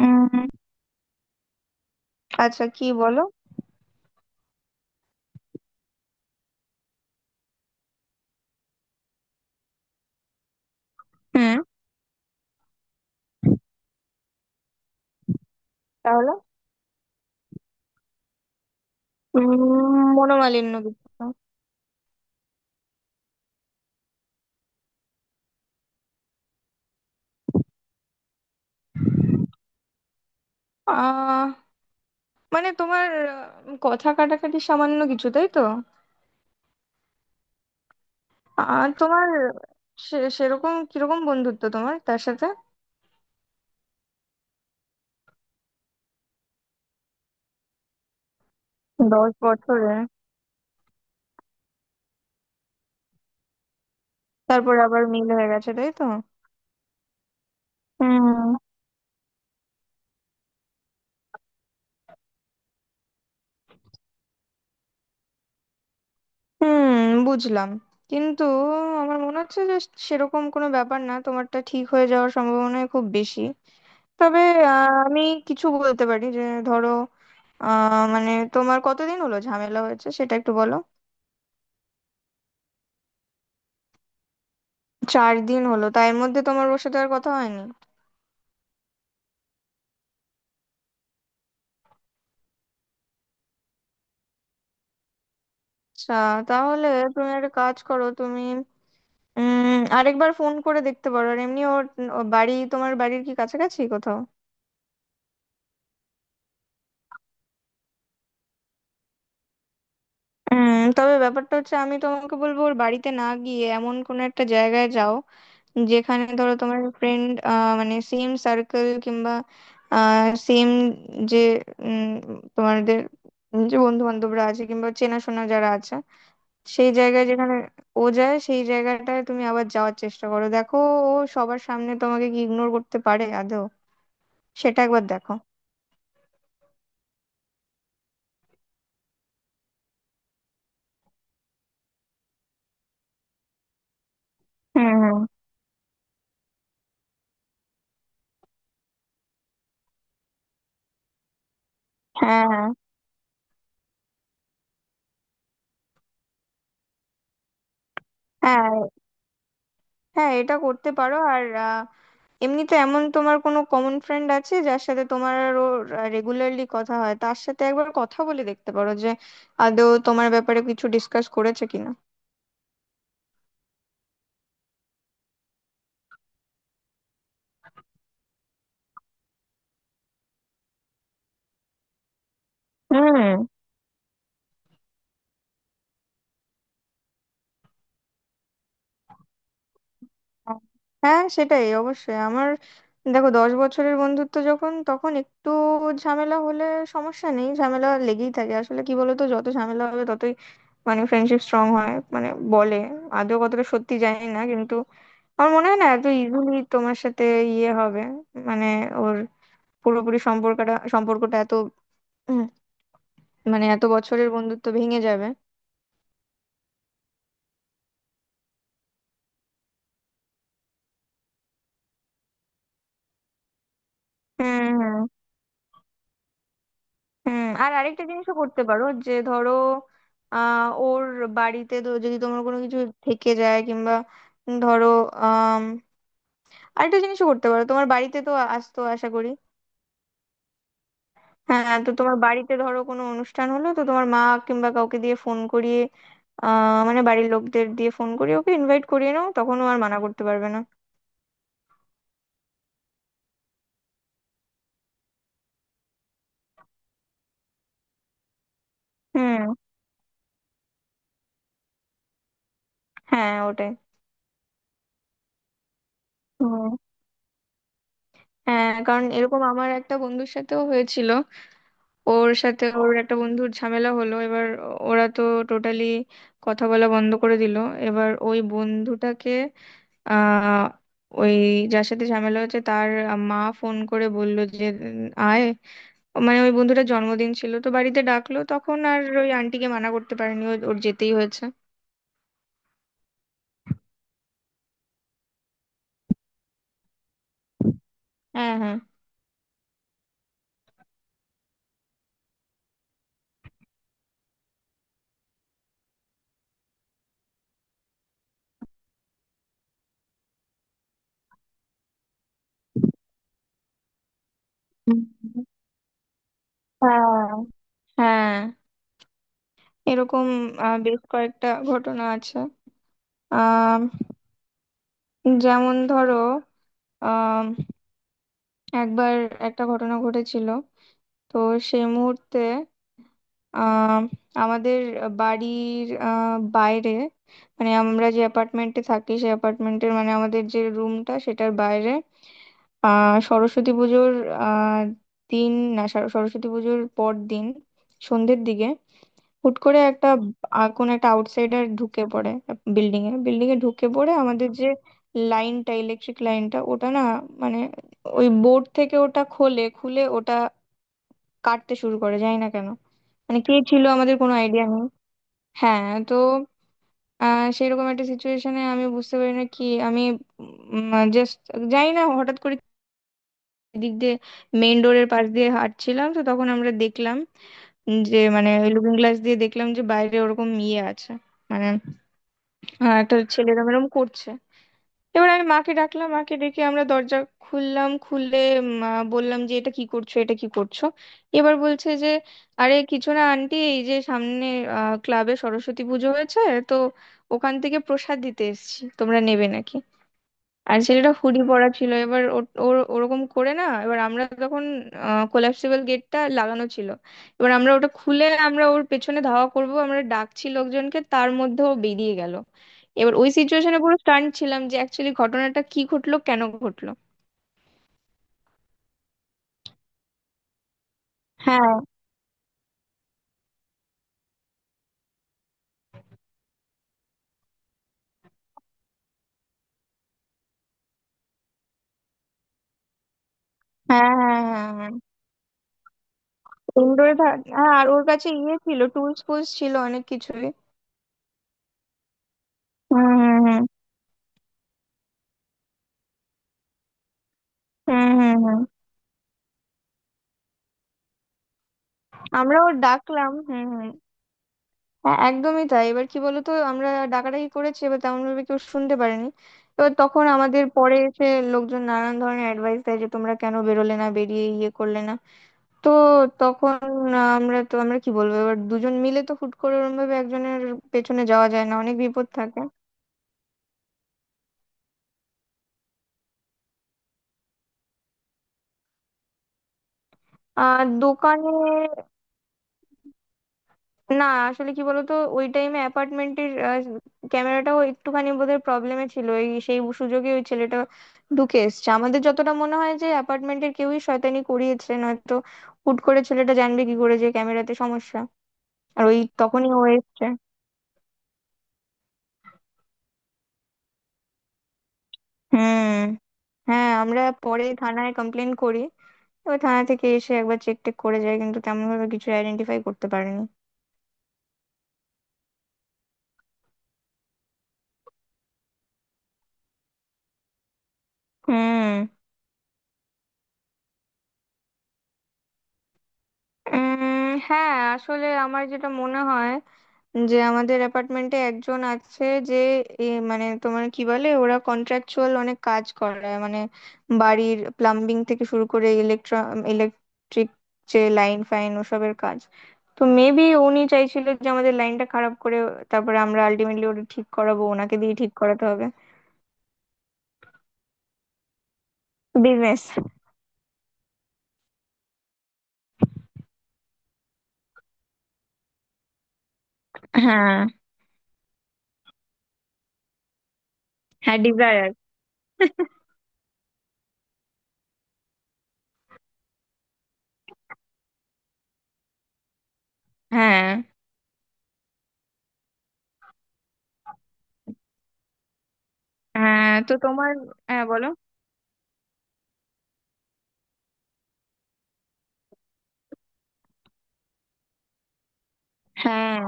উম আচ্ছা, কি বলো? হুম। তাহলে, মনোমালিন্য কিছু? আহ মানে তোমার, কথা কাটাকাটি সামান্য কিছু, তাই তো? তোমার সেরকম কিরকম বন্ধুত্ব তোমার তার সাথে? 10 বছরে? তারপর আবার মিল হয়ে গেছে, তাই তো? হুম, হুম, বুঝলাম। কিন্তু আমার মনে হচ্ছে যে সেরকম কোনো ব্যাপার না, তোমারটা ঠিক হয়ে যাওয়ার সম্ভাবনা খুব বেশি। তবে, আমি কিছু বলতে পারি যে, ধরো, মানে তোমার কতদিন হলো ঝামেলা হয়েছে সেটা একটু বলো। 4 দিন হলো? তাই এর মধ্যে তোমার ওর সাথে আর কথা হয়নি? আচ্ছা। তাহলে তুমি একটা কাজ করো, তুমি আরেকবার ফোন করে দেখতে পারো। আর এমনি ওর, ওর বাড়ি তোমার বাড়ির কি কাছাকাছি কোথাও? তবে ব্যাপারটা হচ্ছে, আমি তোমাকে বলবো ওর বাড়িতে না গিয়ে এমন কোনো একটা জায়গায় যাও, যেখানে ধরো তোমার ফ্রেন্ড, মানে সেম সার্কেল কিংবা সেম, যে উম, তোমাদের যে বন্ধু বান্ধবরা আছে কিংবা চেনাশোনা যারা আছে, সেই জায়গায়, যেখানে ও যায়, সেই জায়গাটায় তুমি আবার যাওয়ার চেষ্টা করো। দেখো, ও সবার সামনে তোমাকে কি ইগনোর করতে পারে আদৌ। সেটা একবার দেখো। হুম, হুম। হ্যাঁ, হ্যাঁ, হ্যাঁ, হ্যাঁ, এটা করতে পারো। আর, এমনিতে এমন তোমার কোনো কমন ফ্রেন্ড আছে যার সাথে তোমার আর ওর রেগুলারলি কথা হয়, তার সাথে একবার কথা বলে দেখতে পারো যে আদৌ তোমার ব্যাপারে কিছু ডিসকাস করেছে কিনা। হ্যাঁ, সেটাই। অবশ্যই আমার, দেখো 10 বছরের বন্ধুত্ব যখন, তখন একটু ঝামেলা হলে সমস্যা নেই, ঝামেলা লেগেই থাকে। আসলে কি বলতো, যত ঝামেলা হবে ততই মানে ফ্রেন্ডশিপ স্ট্রং হয়, মানে বলে। আদৌ কতটা সত্যি জানি না, কিন্তু আমার মনে হয় না এত ইজিলি তোমার সাথে ইয়ে হবে, মানে ওর পুরোপুরি সম্পর্কটা সম্পর্কটা এত, উম, মানে এত বছরের বন্ধুত্ব ভেঙে যাবে। হুম, হুম, হুম। আর আরেকটা জিনিসও করতে পারো, যে ধরো ওর বাড়িতে তো যদি তোমার কোনো কিছু থেকে যায় কিংবা ধরো, আম, আরেকটা জিনিসও করতে পারো, তোমার বাড়িতে তো আসতো আশা করি। হ্যাঁ, তো তোমার বাড়িতে ধরো কোনো অনুষ্ঠান হলো, তো তোমার মা কিংবা কাউকে দিয়ে ফোন করিয়ে, মানে বাড়ির লোকদের দিয়ে ফোন করিয়ে ওকে ইনভাইট করিয়ে নাও, তখন ও আর মানা করতে পারবে না। হুম। হ্যাঁ, ওটাই। হুম। হ্যাঁ, কারণ এরকম আমার একটা বন্ধুর সাথেও হয়েছিল। ওর সাথে ওর একটা বন্ধুর ঝামেলা হলো। এবার ওরা তো টোটালি কথা বলা বন্ধ করে দিল। এবার ওই বন্ধুটাকে, আহ ওই যার সাথে ঝামেলা হয়েছে তার মা ফোন করে বললো যে, আয়, মানে ওই বন্ধুটার জন্মদিন ছিল তো বাড়িতে ডাকলো, তখন আর ওই আন্টিকে মানা করতে পারেনি, ওর যেতেই হয়েছে। হ্যাঁ, হ্যাঁ। হুম। হ্যাঁ, হ্যাঁ এরকম বেশ কয়েকটা ঘটনা আছে। আহ যেমন ধরো, একবার একটা ঘটনা ঘটেছিল। তো সেই মুহূর্তে, আহ, আমাদের বাড়ির বাইরে, মানে আমরা যে অ্যাপার্টমেন্টে থাকি সেই অ্যাপার্টমেন্টের, মানে আমাদের যে রুমটা সেটার বাইরে, সরস্বতী পুজোর আহ, দিন, না সরস্বতী পুজোর পর দিন সন্ধ্যের দিকে হুট করে একটা, কোনো একটা আউটসাইডার ঢুকে পড়ে, বিল্ডিং এ ঢুকে পড়ে আমাদের যে লাইনটা, ইলেকট্রিক লাইনটা, ওটা না মানে ওই বোর্ড থেকে ওটা খোলে, খুলে ওটা কাটতে শুরু করে, জানি না কেন। মানে কে ছিল আমাদের কোনো আইডিয়া নেই। হ্যাঁ, তো সেরকম একটা সিচুয়েশনে আমি বুঝতে পারি না কি, আমি জাস্ট জানি না। হঠাৎ করে দিক দিয়ে, মেইন ডোরের পাশ দিয়ে হাঁটছিলাম, তো তখন আমরা দেখলাম যে, মানে লুকিং গ্লাস দিয়ে দেখলাম যে বাইরে ওরকম ইয়ে আছে মানে, হ্যাঁ, একটা ছেলে এরম এরম করছে। এবার আমি মাকে ডাকলাম, মাকে ডেকে আমরা দরজা খুললাম, খুলে মা, বললাম যে এটা কি করছো, এটা কি করছো? এবার বলছে যে, আরে কিছু না আন্টি, এই যে সামনে ক্লাবে সরস্বতী পুজো হয়েছে, তো ওখান থেকে প্রসাদ দিতে এসেছি, তোমরা নেবে নাকি? আর ছেলেটা হুডি পরা ছিল, এবার ওর ওর ওরকম করে না। এবার আমরা তখন, কোলাপসিবল গেটটা লাগানো ছিল, এবার আমরা ওটা খুলে আমরা ওর পেছনে ধাওয়া করব, আমরা ডাকছি লোকজনকে, তার মধ্যে ও বেরিয়ে গেল। এবার ওই সিচুয়েশনে পুরো স্টান্ট ছিলাম যে অ্যাকচুয়ালি ঘটনাটা কি ঘটলো, কেন ঘটলো। হ্যাঁ, হ্যাঁ, হ্যাঁ, হ্যাঁ, হ্যাঁ। ইনডোরে থাক, হ্যাঁ। আর ওর কাছে ইয়ে ছিল, টুলস ফুলস ছিল অনেক কিছুই। হুম, হুম, হুম, হুম, হুম, হুম। আমরাও ডাকলাম। হুম, হুম। হ্যাঁ, একদমই তাই। এবার কি বলতো, আমরা ডাকাডাকি করেছি, এবার তেমন ভাবে কেউ শুনতে পারেনি। এবার তখন আমাদের পরে এসে লোকজন নানান ধরনের অ্যাডভাইস দেয় যে তোমরা কেন বেরোলে না, বেরিয়ে ইয়ে করলে না। তো তখন, আমরা তো আমরা কি বলবো, এবার দুজন মিলে তো হুট করে ওরম ভাবে একজনের পেছনে যাওয়া যায় না, অনেক বিপদ থাকে। আর দোকানে, না আসলে কি বলতো, ওই টাইমে অ্যাপার্টমেন্টের ক্যামেরাটাও একটুখানি বোধহয় প্রবলেমে ছিল, এই সেই সুযোগে ওই ছেলেটা ঢুকে এসছে। আমাদের যতটা মনে হয় যে অ্যাপার্টমেন্টের কেউই শয়তানি করিয়েছে, নয়তো হুট করে ছেলেটা জানবে কি করে যে ক্যামেরাতে সমস্যা। আর ওই তখনই ও এসছে। হুম। হ্যাঁ, আমরা পরে থানায় কমপ্লেন করি। ওই থানা থেকে এসে একবার চেক টেক করে যায় কিন্তু তেমন ভাবে কিছু আইডেন্টিফাই করতে পারেনি। হুম। হ্যাঁ, আসলে আমার যেটা মনে হয়, যে আমাদের অ্যাপার্টমেন্টে একজন আছে যে এ, মানে তোমার কি বলে, ওরা কন্ট্রাকচুয়াল অনেক কাজ করায়, মানে বাড়ির প্লাম্বিং থেকে শুরু করে ইলেকট্রা, ইলেকট্রিক, যে লাইন ফাইন ওসবের কাজ। তো মেবি উনি চাইছিল যে আমাদের লাইনটা খারাপ করে, তারপরে আমরা আলটিমেটলি ওটা ঠিক করাবো, ওনাকে দিয়ে ঠিক করাতে হবে। বিজনেস। হ্যাঁ, হ্যাঁ। ডিজায়ার। হ্যাঁ, হ্যাঁ, তো তোমার। হ্যাঁ, বলো। হ্যাঁ,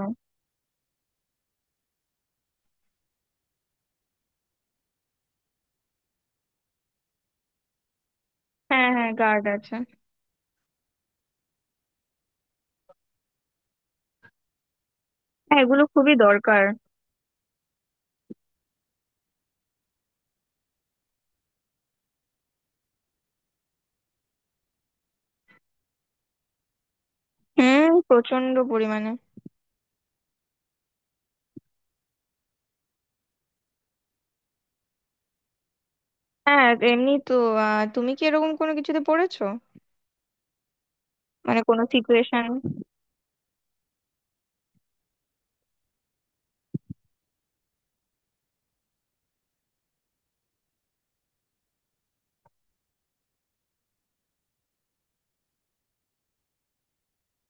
হ্যাঁ, হ্যাঁ গার্ড আছে। হ্যাঁ, এগুলো খুবই দরকার। হুম, প্রচন্ড পরিমাণে। হ্যাঁ, এমনি তো। তুমি কি এরকম কোনো কিছুতে পড়েছো, মানে কোনো সিচুয়েশন?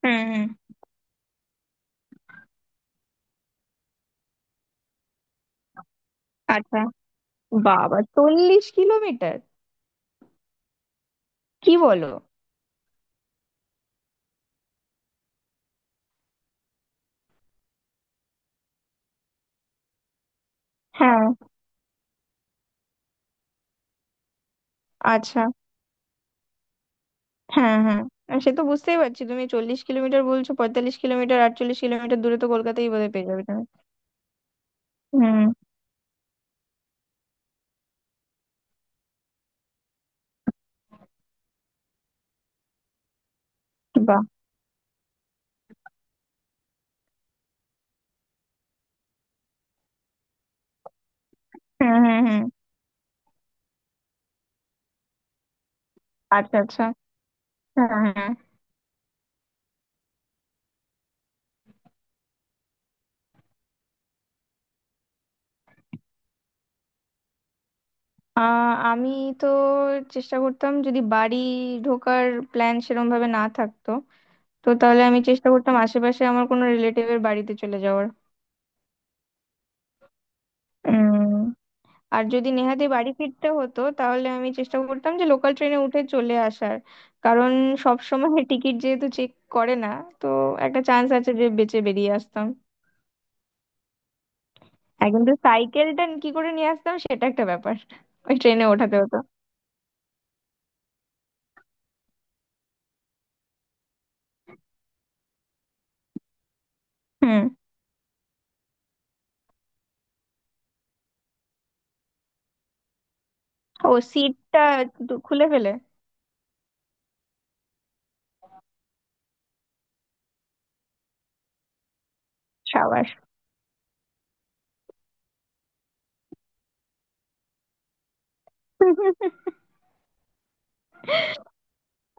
হুম, হুম। আচ্ছা, বাবা, 40 কিলোমিটার? কি বলো? হ্যাঁ। আচ্ছা। হ্যাঁ, হ্যাঁ। সে তো বুঝতেই পারছি, তুমি 40 কিলোমিটার বলছো, 45 কিলোমিটার, 48 কিলোমিটার দূরে তো কলকাতায় বোধহয় পেয়ে যাবে তুমি। হুম। বাহ। হুম, হুম, হুম। আচ্ছা, আচ্ছা। হ্যাঁ, হ্যাঁ। আমি তো চেষ্টা করতাম, যদি বাড়ি ঢোকার প্ল্যান সেরকম ভাবে না থাকতো, তো তাহলে আমি চেষ্টা করতাম আশেপাশে আমার কোনো রিলেটিভের বাড়িতে চলে যাওয়ার। উম, আর যদি নেহাতি বাড়ি ফিরতে হতো তাহলে আমি চেষ্টা করতাম যে লোকাল ট্রেনে উঠে চলে আসার, কারণ সব সময় টিকিট যেহেতু চেক করে না, তো একটা চান্স আছে যে বেঁচে বেরিয়ে আসতাম। আর কিন্তু সাইকেলটা কি করে নিয়ে আসতাম সেটা একটা ব্যাপার, ওই ট্রেনে ওঠাতে হতো। হুম। ও, সিটটা একটু খুলে ফেলে? সাবাস।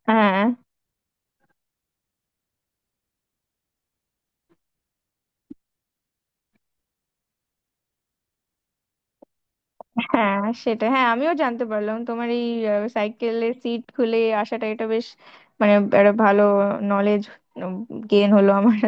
হ্যাঁ, হ্যাঁ। সেটা, হ্যাঁ, আমিও জানতে পারলাম তোমার এই সাইকেলে সিট খুলে আসাটা, এটা বেশ মানে একটা ভালো নলেজ গেইন হলো আমার।